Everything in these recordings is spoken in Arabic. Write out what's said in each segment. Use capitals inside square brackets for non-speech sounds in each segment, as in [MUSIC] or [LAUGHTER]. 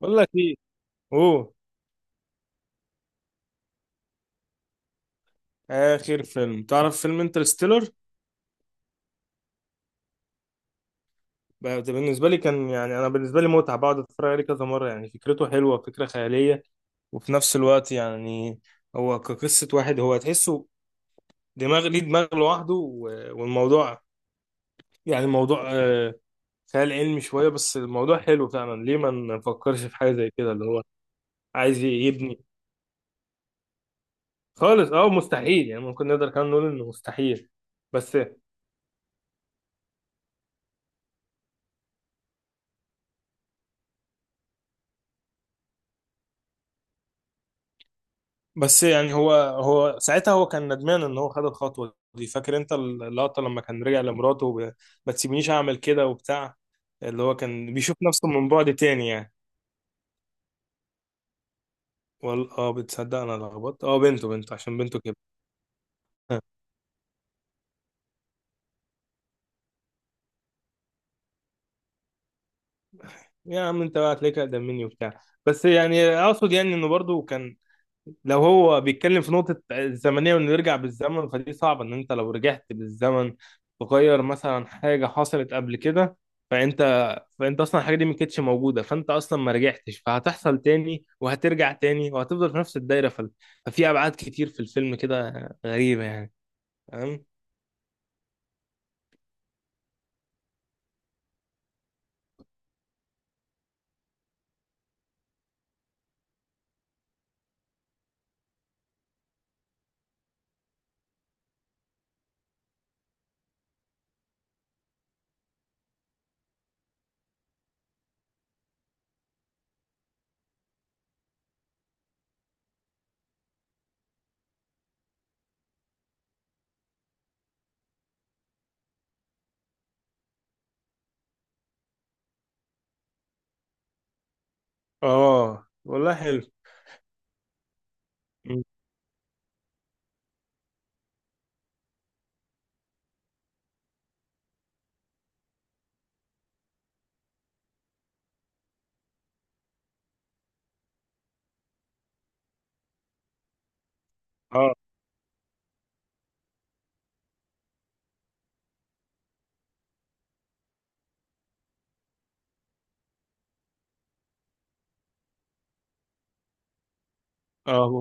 بقول لك ايه. اوه، اخر فيلم تعرف فيلم انترستيلر؟ ده بالنسبه لي كان، يعني، انا بالنسبه لي متعه بقعد اتفرج عليه كذا مره. يعني فكرته حلوه، فكره خياليه، وفي نفس الوقت يعني هو كقصه واحد هو تحسه دماغ، ليه دماغ لوحده. والموضوع يعني الموضوع خيال علمي شويه، بس الموضوع حلو فعلا. ليه ما نفكرش في حاجه زي كده؟ اللي هو عايز يبني. خالص، اه، مستحيل يعني، ممكن نقدر كمان نقول انه مستحيل. بس بس يعني هو ساعتها هو كان ندمان ان هو خد الخطوه دي. فاكر انت اللقطه لما كان رجع لمراته ما تسيبنيش اعمل كده وبتاع، اللي هو كان بيشوف نفسه من بعد تاني يعني. وال بتصدق انا لخبطت، بنته، بنته عشان بنته كده. [LAUGHS] يا عم انت بقى هتلاقيك اقدم مني وبتاع. بس يعني اقصد يعني انه برضو كان، لو هو بيتكلم في نقطة الزمنية وإنه يرجع بالزمن، فدي صعبة. إن أنت لو رجعت بالزمن تغير مثلا حاجة حصلت قبل كده، فأنت، فأنت أصلا الحاجة دي ما كانتش موجودة، فأنت أصلا ما رجعتش، فهتحصل تاني وهترجع تاني وهتفضل في نفس الدايرة. ف- ففي أبعاد كتير في الفيلم كده غريبة يعني. تمام. آه والله حلو. م. آه. آه.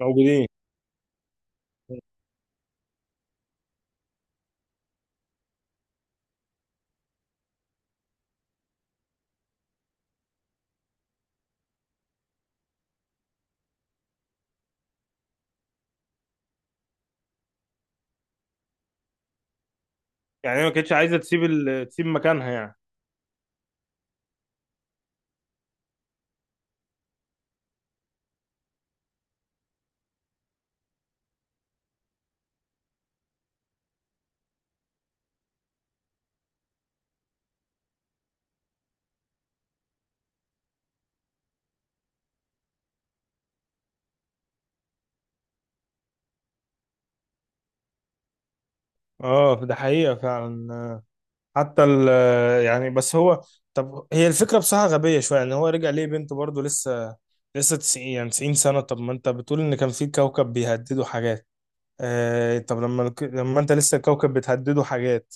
موجودين. يعني هي ما كانتش عايزة تسيب ال... تسيب مكانها يعني. آه ده حقيقة فعلا. حتى ال يعني، بس هو، طب هي الفكرة بصراحة غبية شوية. يعني هو رجع ليه بنته برضه لسه 90، يعني 90 سنة. طب ما انت بتقول ان كان في كوكب بيهددوا حاجات؟ آه، طب لما لما انت لسه الكوكب بتهدده حاجات،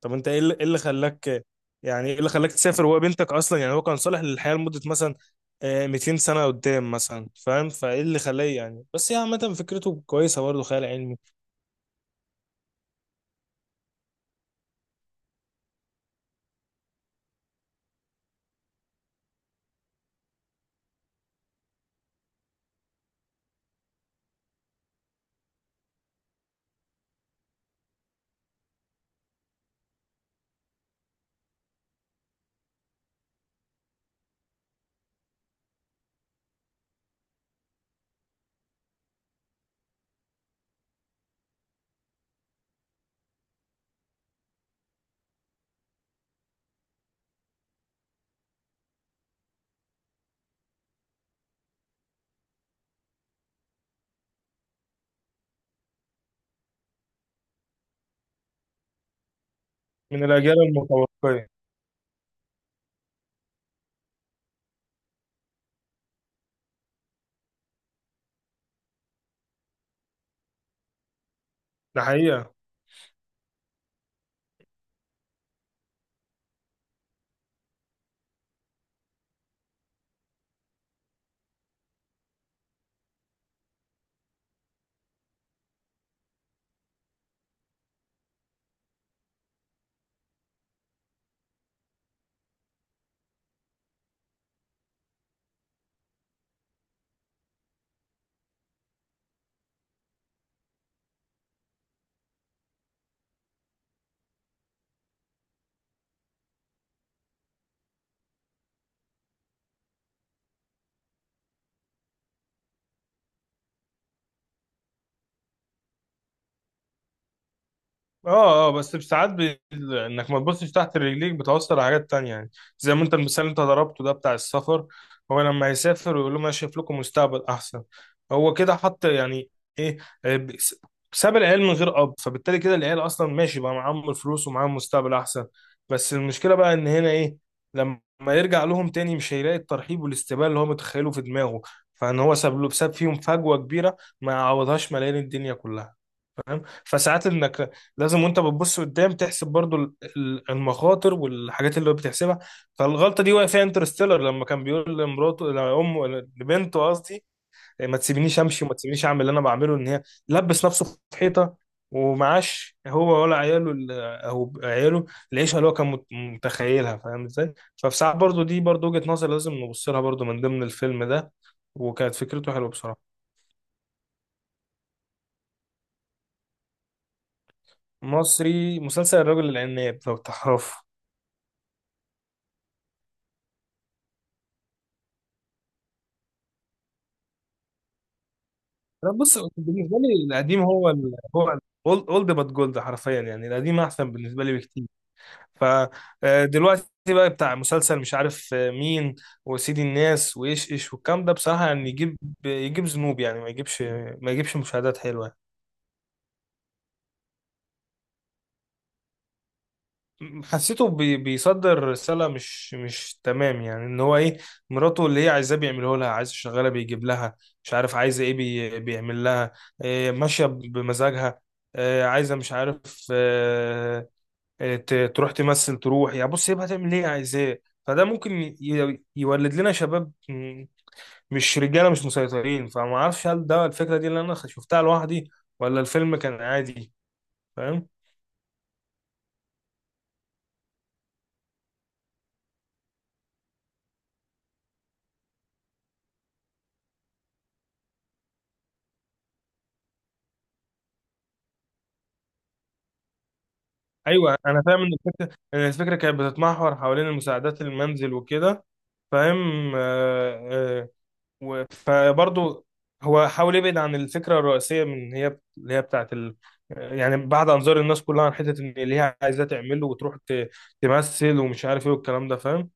طب انت ايه اللي إيه اللي خلاك، يعني ايه اللي خلاك تسافر وهو بنتك اصلا؟ يعني هو كان صالح للحياة لمدة مثلا، آه، 200 سنة قدام مثلا، فاهم؟ فايه اللي خلاه يعني؟ بس هي عامة فكرته كويسة برضه، خيال علمي. من الأجيال المتوقعة. ده حقيقة. اه، اه، بس ساعات بي... انك ما تبصش تحت رجليك بتوصل لحاجات تانية يعني. زي ما انت المثال اللي انت ضربته ده بتاع السفر، هو لما هيسافر ويقول لهم انا شايف لكم مستقبل احسن، هو كده حط يعني، ايه، آه، ب- س- ساب العيال من غير اب، فبالتالي كده العيال اصلا ماشي، بقى معاهم الفلوس ومعاهم مستقبل احسن. بس المشكلة بقى ان هنا ايه، لما يرجع لهم تاني مش هيلاقي الترحيب والاستقبال اللي هو متخيله في دماغه. فان هو ساب فيهم فجوة كبيرة ما يعوضهاش ملايين الدنيا كلها. فساعات انك لازم وانت بتبص قدام تحسب برضو المخاطر والحاجات اللي هو بتحسبها. فالغلطه دي وقع فيها انترستيلر لما كان بيقول لمراته، لامه، لبنته قصدي، "إيه، ما تسيبنيش امشي وما تسيبنيش اعمل اللي انا بعمله"، ان هي لبس نفسه في حيطه ومعاش هو ولا عياله ال- او عياله العيشه اللي هو كان متخيلها، فاهم ازاي؟ ففي ساعات برضو دي برضو وجهه نظر لازم نبص لها برضو من ضمن الفيلم ده. وكانت فكرته حلوه بصراحه. مصري مسلسل الرجل العناب لو تعرفه. انا بص بالنسبه لي القديم هو ال هو اولد بات جولد، حرفيا يعني القديم احسن بالنسبه لي بكتير. فدلوقتي بقى بتاع مسلسل مش عارف مين، وسيدي الناس وايش ايش والكلام ده بصراحه يعني يجيب، يجيب ذنوب يعني، ما يجيبش، ما يجيبش مشاهدات حلوه. حسيته بي بيصدر رسالة مش تمام يعني، ان هو ايه، مراته اللي هي عايزاه بيعمله لها. عايز شغالة بيجيب لها، مش عارف عايزة ايه بي بيعمل لها، إيه ماشية بمزاجها، إيه عايزة مش عارف إيه، تروح تمثل تروح يعني. بص هي هتعمل ايه؟ عايزاه. فده ممكن يولد لنا شباب مش رجالة مش مسيطرين. فما اعرفش هل ده الفكرة دي اللي انا شفتها لوحدي، ولا الفيلم كان عادي، فاهم؟ ايوه انا فاهم ان الفكره، إن الفكره كانت بتتمحور حوالين المساعدات المنزل وكده، فاهم. فبرضه هو حاول يبعد عن الفكره الرئيسيه من اللي هي بتاعت ال... يعني بعد انظار الناس كلها عن حته ان اللي هي عايزاه تعمله وتروح تمثل ومش عارف ايه والكلام ده، فاهم.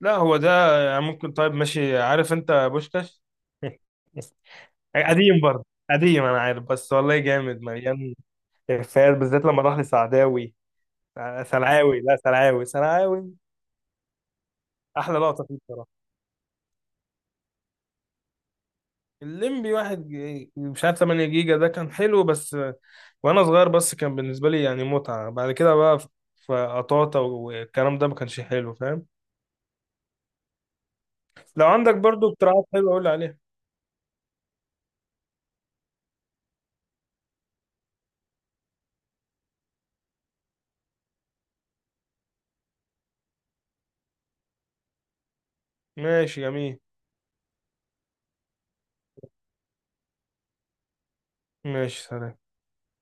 لا هو ده يعني ممكن، طيب ماشي. عارف انت بوشكاش؟ [LAUGHS] قديم برضه. قديم انا عارف، بس والله جامد مليان افيهات. بالذات لما راح لسعداوي، سلعاوي، لا سلعاوي، سلعاوي احلى لقطه فيه بصراحه. الليمبي واحد، مش عارف 8 جيجا، ده كان حلو، بس وانا صغير. بس كان بالنسبه لي يعني متعه. بعد كده بقى، فقطاطا والكلام ده ما كانش حلو، فاهم. لو عندك برضو اقتراحات حلوه قول لي عليها. ماشي جميل. ماشي، سلام.